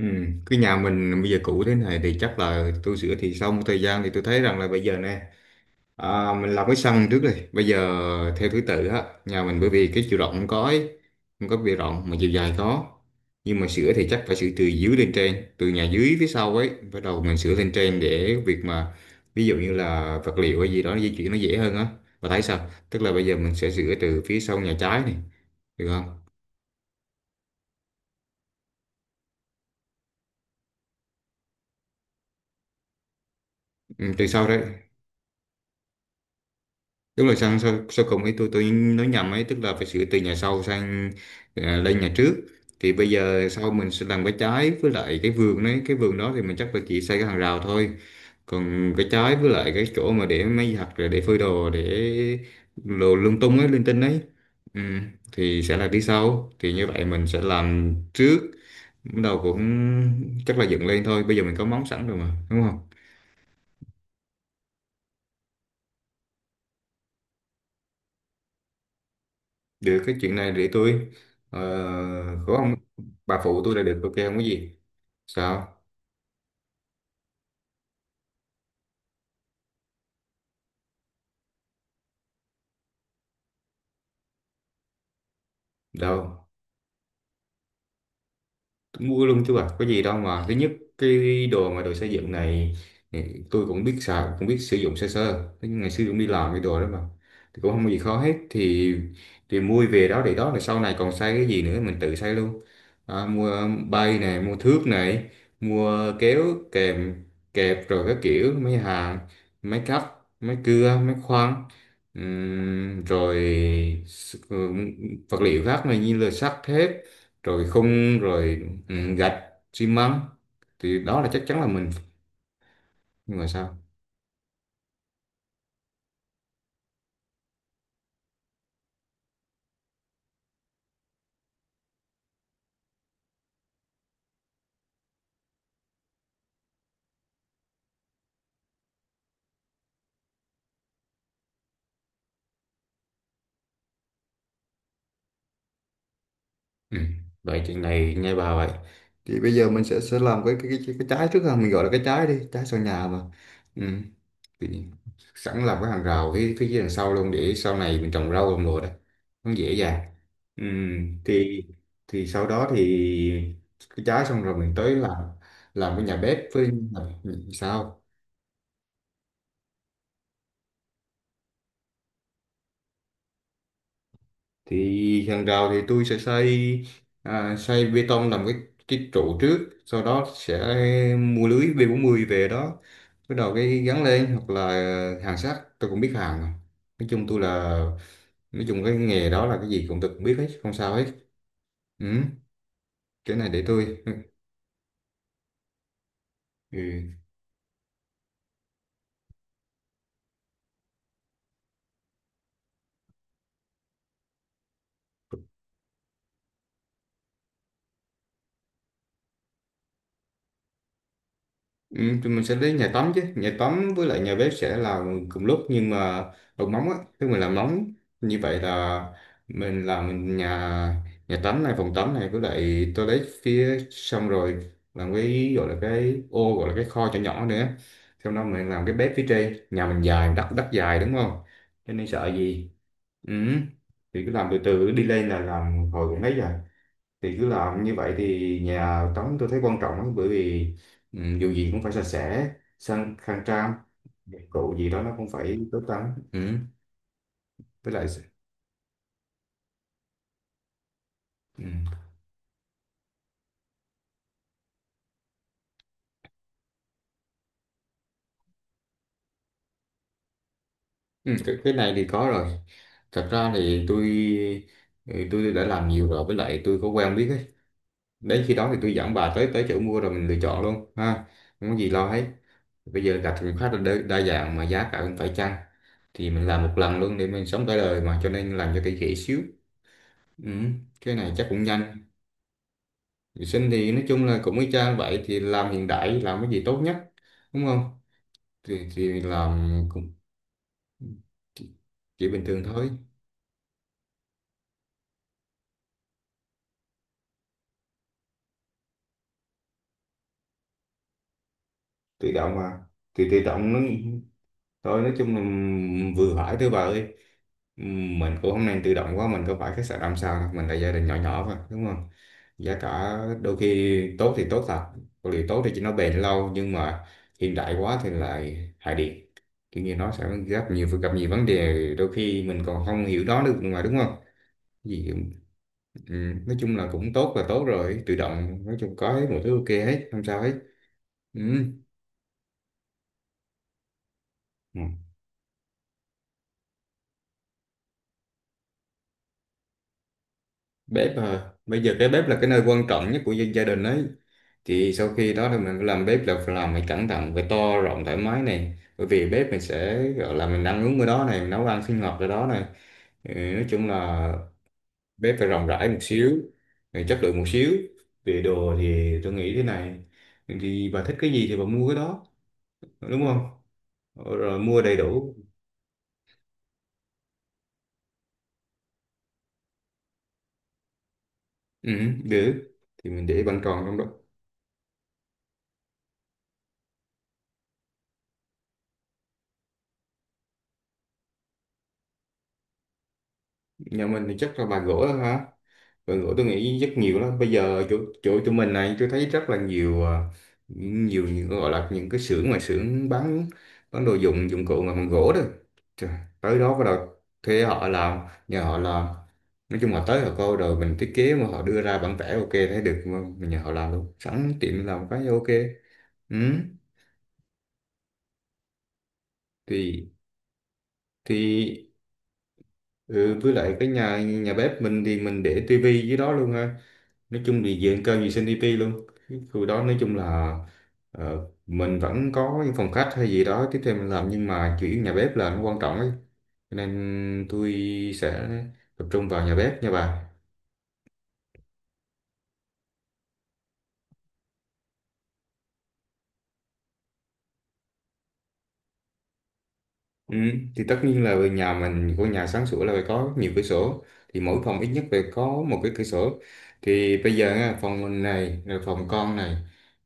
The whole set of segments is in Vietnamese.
Ừ, cái nhà mình bây giờ cũ thế này thì chắc là tôi sửa, thì sau một thời gian thì tôi thấy rằng là bây giờ nè, à, mình làm cái sân trước đi. Bây giờ theo thứ tự á, nhà mình bởi vì cái chiều rộng không có ấy, không có bề rộng mà chiều dài có. Nhưng mà sửa thì chắc phải sửa từ dưới lên trên, từ nhà dưới phía sau ấy bắt đầu mình sửa lên trên, để việc mà ví dụ như là vật liệu hay gì đó di chuyển nó dễ hơn á. Và thấy sao, tức là bây giờ mình sẽ sửa từ phía sau nhà trái này, được không? Ừ, từ sau đấy. Đúng là sang sau, sau cùng ấy, tôi nói nhầm ấy, tức là phải sửa từ nhà sau sang lên nhà trước. Thì bây giờ sau mình sẽ làm cái trái, với lại cái vườn đấy, cái vườn đó thì mình chắc là chỉ xây cái hàng rào thôi. Còn cái trái với lại cái chỗ mà để máy giặt, rồi để phơi đồ, để đồ lung tung ấy, linh tinh ấy. Ừ, thì sẽ là đi sau, thì như vậy mình sẽ làm trước, bắt đầu cũng chắc là dựng lên thôi. Bây giờ mình có móng sẵn rồi mà, đúng không? Được, cái chuyện này để tôi ờ, có không, bà phụ tôi là được, ok, không có gì. Sao đâu, tôi mua luôn chứ bà, có gì đâu mà. Thứ nhất, cái đồ mà đồ xây dựng này thì tôi cũng biết xài, cũng biết sử dụng sơ sơ. Thế nhưng ngày xưa cũng đi làm cái đồ đó mà, thì cũng không có gì khó hết. Thì mua về đó để đó, là sau này còn xây cái gì nữa mình tự xây luôn. À, mua bay này, mua thước này, mua kéo kèm kẹp, rồi các kiểu máy hàng, máy cắt, máy cưa, máy khoan. Rồi s- ừ, vật liệu khác này như là sắt thép, rồi khung, rồi ừ, gạch, xi măng. Thì đó là chắc chắn là mình. Nhưng mà sao? Ừ. Vậy chuyện này nghe bà vậy, thì bây giờ mình sẽ làm cái trái trước ha, mình gọi là cái trái đi, trái sau nhà mà. Ừ. Thì sẵn làm cái hàng rào phía phía dưới đằng sau luôn, để sau này mình trồng rau, trồng đồ đấy nó dễ dàng. Ừ. thì thì sau đó thì cái trái xong rồi mình tới làm cái nhà bếp với. Sao? Thì hàng rào thì tôi sẽ xây, à, xây bê tông, làm cái trụ trước, sau đó sẽ mua lưới b mươi về đó, bắt đầu cái gắn lên, hoặc là hàng sắt tôi cũng biết hàng mà. Nói chung tôi là, nói chung cái nghề đó là cái gì cũng tôi cũng biết hết, không sao hết. Ừ, cái này để tôi ừ. Ừ, tụi mình sẽ đến nhà tắm chứ, nhà tắm với lại nhà bếp sẽ là cùng lúc, nhưng mà bằng móng á, khi mình làm móng như vậy, là mình làm nhà nhà tắm này, phòng tắm này với lại toilet phía xong rồi, làm cái gọi là cái ô, gọi là cái kho nhỏ nhỏ nữa. Sau đó mình làm cái bếp phía trên, nhà mình dài, đất đất dài, đúng không? Cho nên sợ gì. Ừ. Thì cứ làm từ từ đi lên, là làm hồi cũng thấy rồi. Thì cứ làm như vậy, thì nhà tắm tôi thấy quan trọng lắm, bởi vì ừ, dù gì cũng phải sạch sẽ, sang, khang trang, dụng cụ gì đó nó cũng phải tốt lắm. Ừ. Với lại ừ. Ừ, cái này thì có rồi. Thật ra thì tôi ừ, tôi đã làm nhiều rồi, với lại tôi có quen biết ấy. Đến khi đó thì tôi dẫn bà tới tới chỗ mua, rồi mình lựa chọn luôn ha. Không có gì lo hết. Bây giờ gạch cũng khá là đa dạng, mà giá cả cũng phải chăng. Thì mình làm một lần luôn để mình sống cả đời mà, cho nên làm cho kỹ kỹ xíu. Ừ, cái này chắc cũng nhanh. Vệ sinh thì nói chung là cũng y chang vậy, thì làm hiện đại, làm cái gì tốt nhất, đúng không? Thì làm cũng chỉ, chỉ bình thường thôi. Tự động mà. Thì tự động nó thôi, nói chung là vừa hỏi thôi bà ơi. Mình cũng không nên tự động quá, mình có phải khách sạn 5 sao đâu, mình là gia đình nhỏ nhỏ mà, đúng không? Giá cả đôi khi tốt thì tốt thật, có điều tốt thì chỉ nó bền lâu, nhưng mà hiện đại quá thì lại hại điện, kiểu như nó sẽ gặp nhiều vấn đề, đôi khi mình còn không hiểu nó được mà, đúng không gì? Ừ, nói chung là cũng tốt là tốt rồi, tự động nói chung có hết mọi thứ, ok hết, không sao hết. Ừ. Ừ. Bếp à, bây giờ cái bếp là cái nơi quan trọng nhất của dân gia đình ấy. Thì sau khi đó thì mình làm bếp, là phải làm phải cẩn thận, phải to rộng thoải mái này, bởi vì bếp mình sẽ gọi là mình ăn uống ở đó này, mình nấu ăn sinh hoạt ở đó này. Ừ, nói chung là bếp phải rộng rãi một xíu, rồi chất lượng một xíu. Về đồ thì tôi nghĩ thế này, thì bà thích cái gì thì bà mua cái đó, đúng không, rồi mua đầy đủ. Ừ, được, thì mình để bàn tròn trong đó. Nhà mình thì chắc là bàn gỗ thôi hả. Đội ngũ tôi nghĩ rất nhiều lắm. Bây giờ chỗ tụi mình này tôi thấy rất là nhiều, à, nhiều những gọi là những cái xưởng, mà xưởng bán đồ dụng dụng cụ mà bằng gỗ đó. Trời, tới đó bắt đầu thuê họ làm, nhờ họ làm. Nói chung là tới họ coi, rồi mình thiết kế mà họ đưa ra bản vẽ, ok, thấy được mà mình nhờ họ làm luôn. Sẵn tiện làm cái ok. Ừ. Thì thì ừ, với lại cái nhà nhà bếp mình thì mình để tivi dưới đó luôn ha. Nói chung thì diện cao gì CDP luôn, cái khu đó nói chung là ờ, mình vẫn có những phòng khách hay gì đó tiếp theo mình làm, nhưng mà chủ yếu nhà bếp là nó quan trọng ấy, cho nên tôi sẽ tập trung vào nhà bếp nha bà. Ừ, thì tất nhiên là về nhà mình, của nhà sáng sủa là phải có nhiều cửa sổ, thì mỗi phòng ít nhất phải có một cái cửa sổ. Thì bây giờ á, phòng mình này, rồi phòng con này,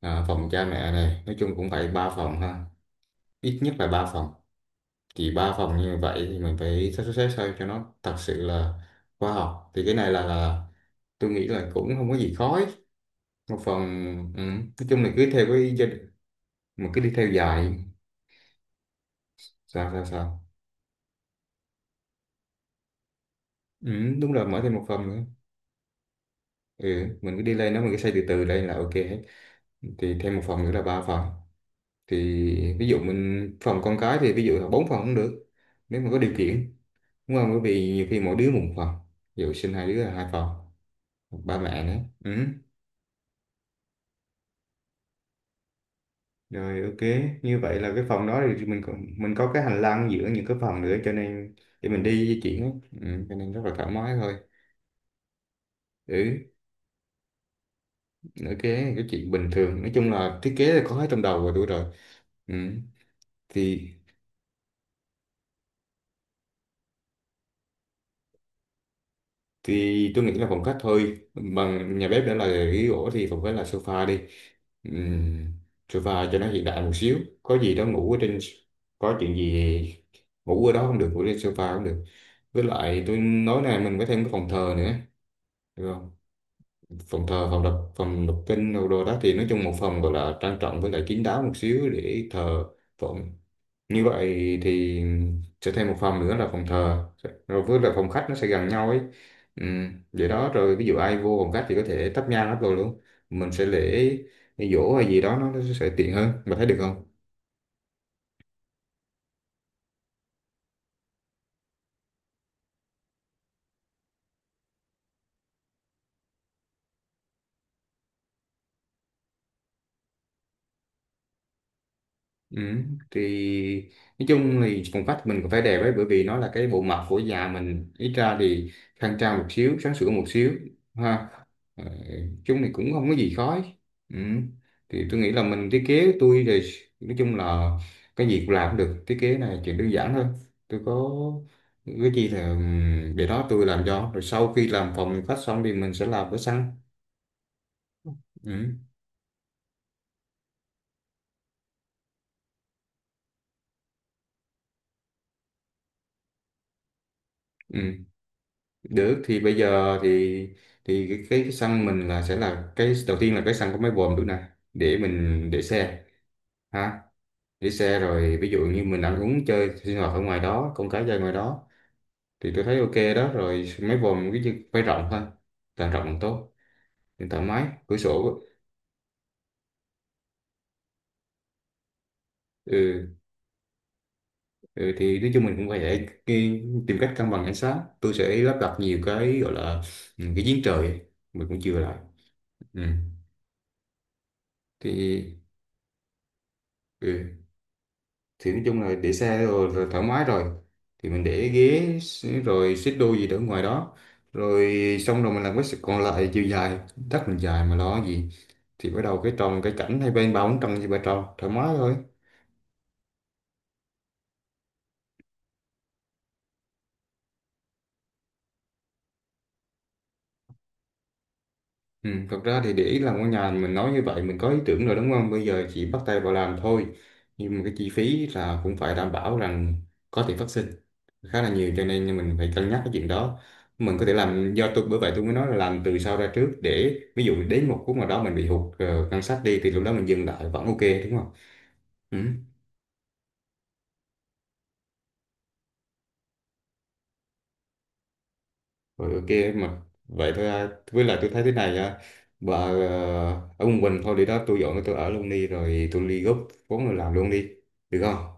à, phòng cha mẹ này, nói chung cũng phải 3 phòng ha, ít nhất là ba phòng. Thì ba phòng như vậy thì mình phải sắp xếp sao cho nó thật sự là khoa học. Thì cái này là tôi nghĩ là cũng không có gì khó ấy. Một phần ừ, nói chung là cứ theo cái gia, mình cứ đi theo dài. Sao sao sao? Ừ, đúng là mở thêm một phòng nữa. Ừ, mình cứ đi lên đó, mình cứ xây từ từ lên là ok hết. Thì thêm một phòng nữa là ba phòng. Thì ví dụ mình phòng con cái thì ví dụ là 4 phòng cũng được, nếu mà có điều kiện, đúng không, bởi vì nhiều khi mỗi đứa một phòng, ví dụ sinh 2 đứa là 2 phòng, ba mẹ nữa. Ừ. Rồi ok, như vậy là cái phòng đó thì mình còn, mình có cái hành lang giữa những cái phòng nữa, cho nên để mình đi di chuyển á. Ừ, cho nên rất là thoải mái thôi. Ừ, ok, cái chuyện bình thường. Nói chung là thiết kế là có hết trong đầu rồi tôi rồi. Ừ. Thì thì tôi nghĩ là phòng khách thôi. Bằng nhà bếp đã là ghế gỗ thì phòng khách là sofa đi. Ừ, sofa cho nó hiện đại một xíu. Có gì đó ngủ ở trên, có chuyện gì ngủ ở đó không được, ngủ trên sofa cũng được. Với lại tôi nói này, mình có thêm cái phòng thờ nữa, được không? Phòng thờ, phòng đọc kinh đồ đồ đó thì nói chung một phòng gọi là trang trọng, với lại kín đáo một xíu để thờ phụng. Như vậy thì sẽ thêm một phòng nữa là phòng thờ, rồi với lại phòng khách nó sẽ gần nhau ấy. Ừ, vậy đó. Rồi ví dụ ai vô phòng khách thì có thể thắp nhang hết rồi luôn, mình sẽ lễ giỗ hay gì đó, nó sẽ tiện hơn mà, thấy được không? Ừ, thì nói chung thì phòng khách mình cũng phải đẹp ấy, bởi vì nó là cái bộ mặt của già mình, ít ra thì khang trang một xíu, sáng sủa một xíu ha. Ờ, chung thì cũng không có gì khó. Ừ. Thì tôi nghĩ là mình thiết kế tôi thì nói chung là cái gì cũng làm được, thiết kế này chuyện đơn giản thôi. Tôi có cái gì là để đó tôi làm cho. Rồi sau khi làm phòng khách xong thì mình sẽ làm cái sân. Ừ. Ừ, được. Thì bây giờ thì cái sân mình là sẽ là cái đầu tiên, là cái sân có máy bồn được nè, để mình để xe ha, để xe rồi ví dụ như mình ăn uống chơi sinh hoạt ở ngoài đó, con cái chơi ngoài đó. Thì tôi thấy ok đó rồi mấy vòm cái gì phải rộng thôi, càng rộng càng tốt, càng thoải mái cửa sổ. Ừ, ừ, thì nói chung mình cũng phải tìm cách cân bằng ánh sáng. Tôi sẽ lắp đặt nhiều cái gọi là ừ, cái giếng trời ấy. Mình cũng chưa lại ừ. Thì ừ. Thì nói chung là để xe rồi, rồi thoải mái rồi, thì mình để ghế rồi xích đu gì đó ngoài đó, rồi xong rồi mình làm cái sự còn lại chiều dài, đất mình dài mà lo gì. Thì bắt đầu cái trồng cái cảnh hai bên, bao bốn trăm gì ba tròn thoải mái thôi. Ừ, thật ra thì để ý làm ngôi nhà mình nói như vậy mình có ý tưởng rồi, đúng không? Bây giờ chỉ bắt tay vào làm thôi. Nhưng mà cái chi phí là cũng phải đảm bảo rằng có thể phát sinh khá là nhiều, cho nên mình phải cân nhắc cái chuyện đó. Mình có thể làm do tôi, bởi vậy tôi mới nói là làm từ sau ra trước, để ví dụ đến một khúc nào đó mình bị hụt ngân sách đi, thì lúc đó mình dừng lại vẫn ok, đúng không? Ừ. Rồi ok mà, vậy thôi à. Với lại tôi thấy thế này à. Bà ở quận Bình thôi, để đó tôi dọn tôi ở luôn đi, rồi tôi ly gốc vốn rồi làm luôn đi, được không?